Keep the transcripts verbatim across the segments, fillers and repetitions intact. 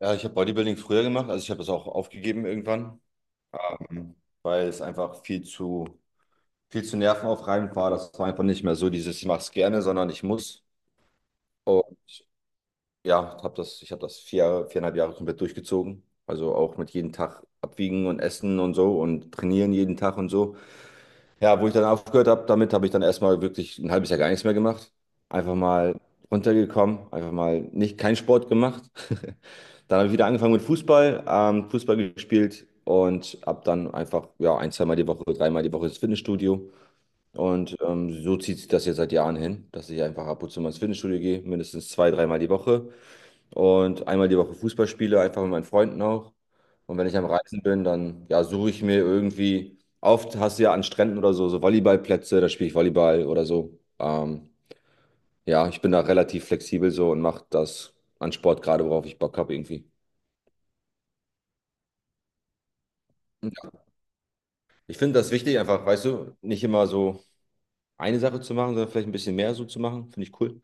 Ja, ich habe Bodybuilding früher gemacht, also ich habe das auch aufgegeben irgendwann, ähm, weil es einfach viel zu, viel zu nervenaufreibend war. Das war einfach nicht mehr so dieses, ich mache es gerne, sondern ich muss. Und ja, hab das, ich habe das vier, Jahre- viereinhalb Jahre komplett durchgezogen. Also auch mit jedem Tag abwiegen und essen und so und trainieren jeden Tag und so. Ja, wo ich dann aufgehört habe, damit habe ich dann erstmal wirklich ein halbes Jahr gar nichts mehr gemacht. Einfach mal runtergekommen, einfach mal nicht keinen Sport gemacht. Dann habe ich wieder angefangen mit Fußball, ähm, Fußball gespielt und ab dann einfach ja ein, zweimal die Woche, dreimal die Woche ins Fitnessstudio. Und ähm, so zieht sich das jetzt seit Jahren hin, dass ich einfach ab und zu mal ins Fitnessstudio gehe, mindestens zwei, dreimal die Woche und einmal die Woche Fußball spiele, einfach mit meinen Freunden auch. Und wenn ich am Reisen bin, dann ja, suche ich mir irgendwie, oft hast du ja an Stränden oder so, so Volleyballplätze, da spiele ich Volleyball oder so. Ähm, ja, ich bin da relativ flexibel so und mache das an Sport gerade, worauf ich Bock habe irgendwie. Ja. Ich finde das wichtig, einfach, weißt du, nicht immer so eine Sache zu machen, sondern vielleicht ein bisschen mehr so zu machen. Finde ich cool.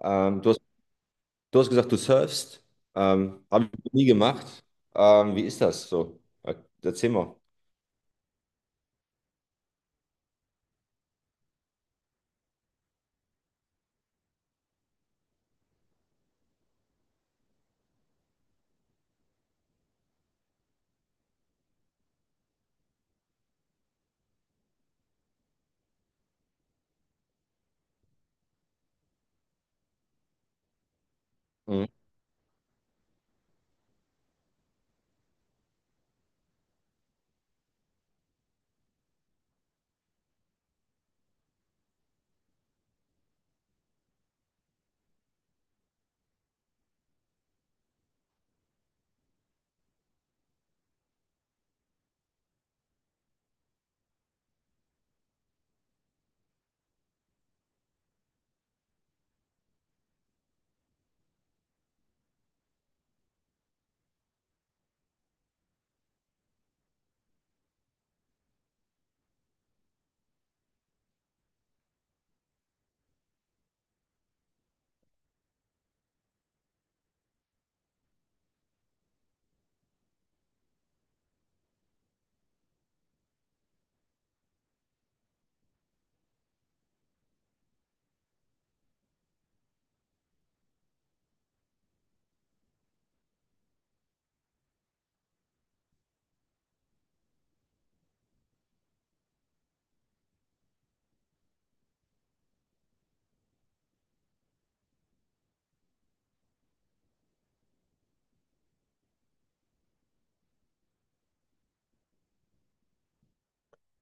Ähm, du hast, Du hast gesagt, du surfst. Ähm, habe ich nie gemacht. Ähm, wie ist das so? Erzähl mal.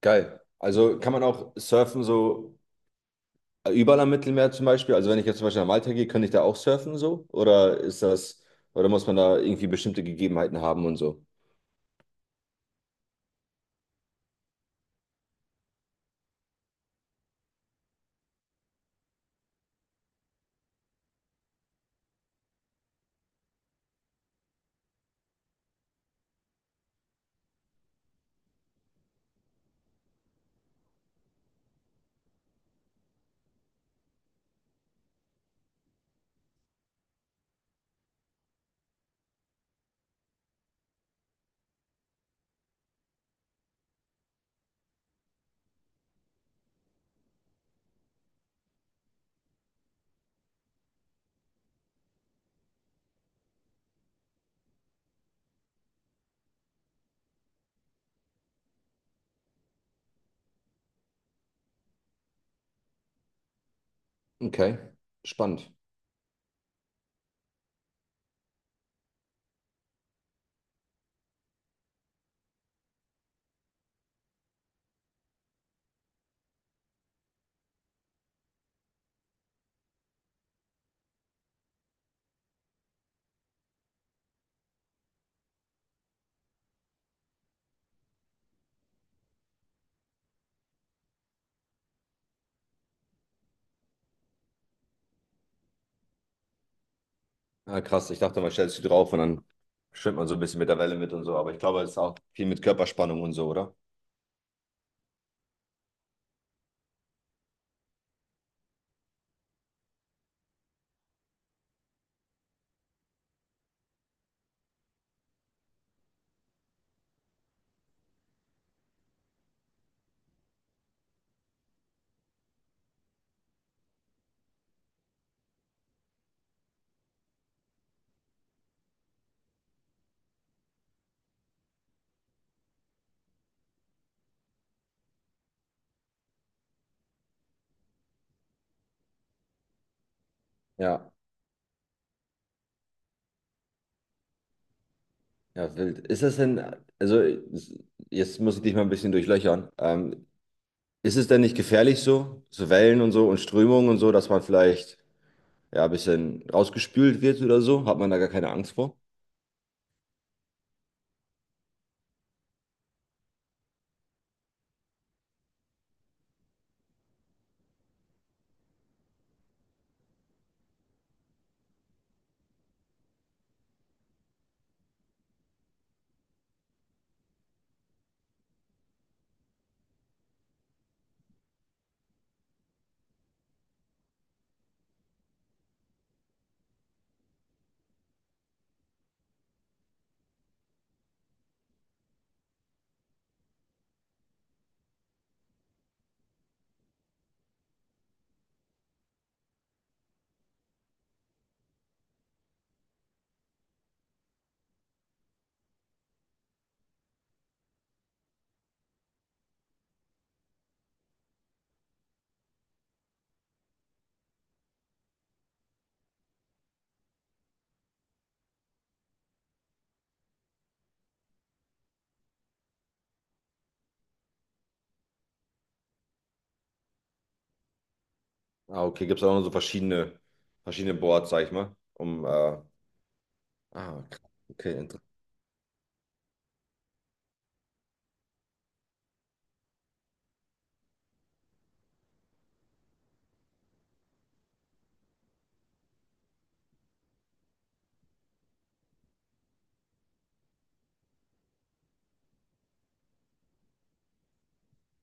Geil. Also kann man auch surfen so äh, überall am Mittelmeer zum Beispiel? Also wenn ich jetzt zum Beispiel nach Malta gehe, könnte ich da auch surfen so? Oder ist das, oder muss man da irgendwie bestimmte Gegebenheiten haben und so? Okay, spannend. Ah, krass, ich dachte, man stellt sich drauf und dann schwimmt man so ein bisschen mit der Welle mit und so. Aber ich glaube, es ist auch viel mit Körperspannung und so, oder? Ja, ja, wild. Ist das denn, also jetzt muss ich dich mal ein bisschen durchlöchern. Ähm, ist es denn nicht gefährlich so, so Wellen und so und Strömungen und so, dass man vielleicht ja, ein bisschen rausgespült wird oder so, hat man da gar keine Angst vor. Ah, okay, gibt es auch noch so verschiedene, verschiedene Boards, sag ich mal, um, äh, ah, krass, okay, inter-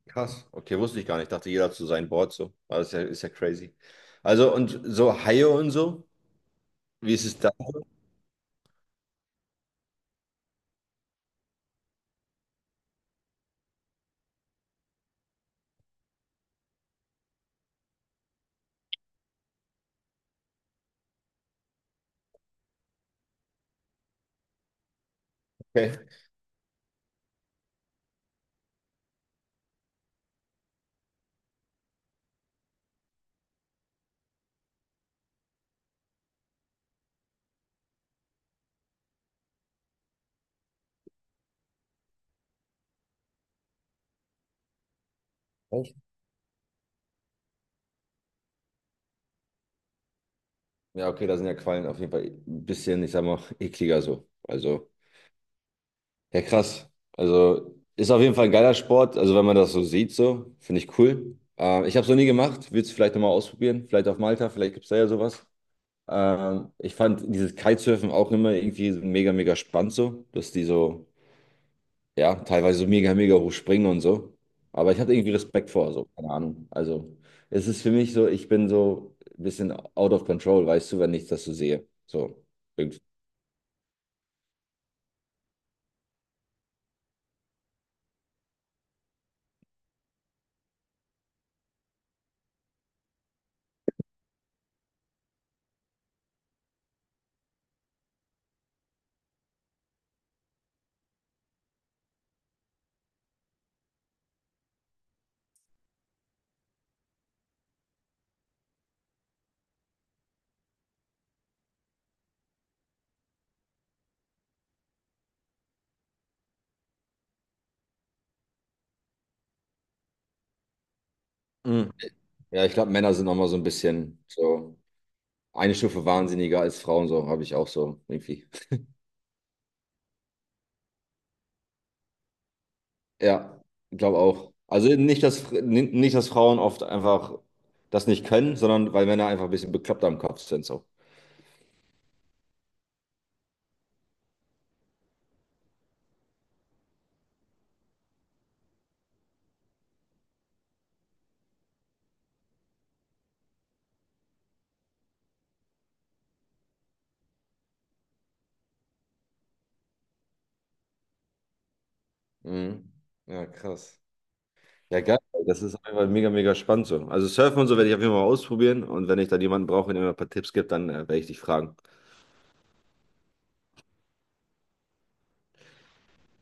krass, okay, wusste ich gar nicht, ich dachte, jeder hat so sein Board, so, aber ist ja, ist ja crazy. Also, und so Haie und so, wie ist es da? Okay. Echt? Ja, okay, da sind ja Quallen auf jeden Fall ein bisschen, ich sag mal, ekliger so, also. Ja, krass. Also ist auf jeden Fall ein geiler Sport. Also wenn man das so sieht, so finde ich cool. Ähm, ich habe es noch nie gemacht. Willst du vielleicht nochmal ausprobieren? Vielleicht auf Malta, vielleicht gibt es da ja sowas. Ähm, ich fand dieses Kitesurfen auch immer irgendwie so mega, mega spannend so, dass die so, ja, teilweise so mega, mega hoch springen und so. Aber ich hatte irgendwie Respekt vor, so, keine Ahnung. Also es ist für mich so, ich bin so ein bisschen out of control, weißt du, wenn ich das so sehe. So, irgendwie. Mhm. Ja, ich glaube, Männer sind nochmal so ein bisschen so. eine Stufe wahnsinniger als Frauen, so habe ich auch so irgendwie. Ja, glaube auch. Also nicht, dass, nicht, dass Frauen oft einfach das nicht können, sondern weil Männer einfach ein bisschen bekloppter am Kopf sind, so. Mhm. Ja, krass. Ja, geil. Das ist einfach mega, mega spannend so. Also Surfen und so werde ich auf jeden Fall mal ausprobieren und wenn ich dann jemanden brauche, der mir ein paar Tipps gibt, dann äh, werde ich dich fragen.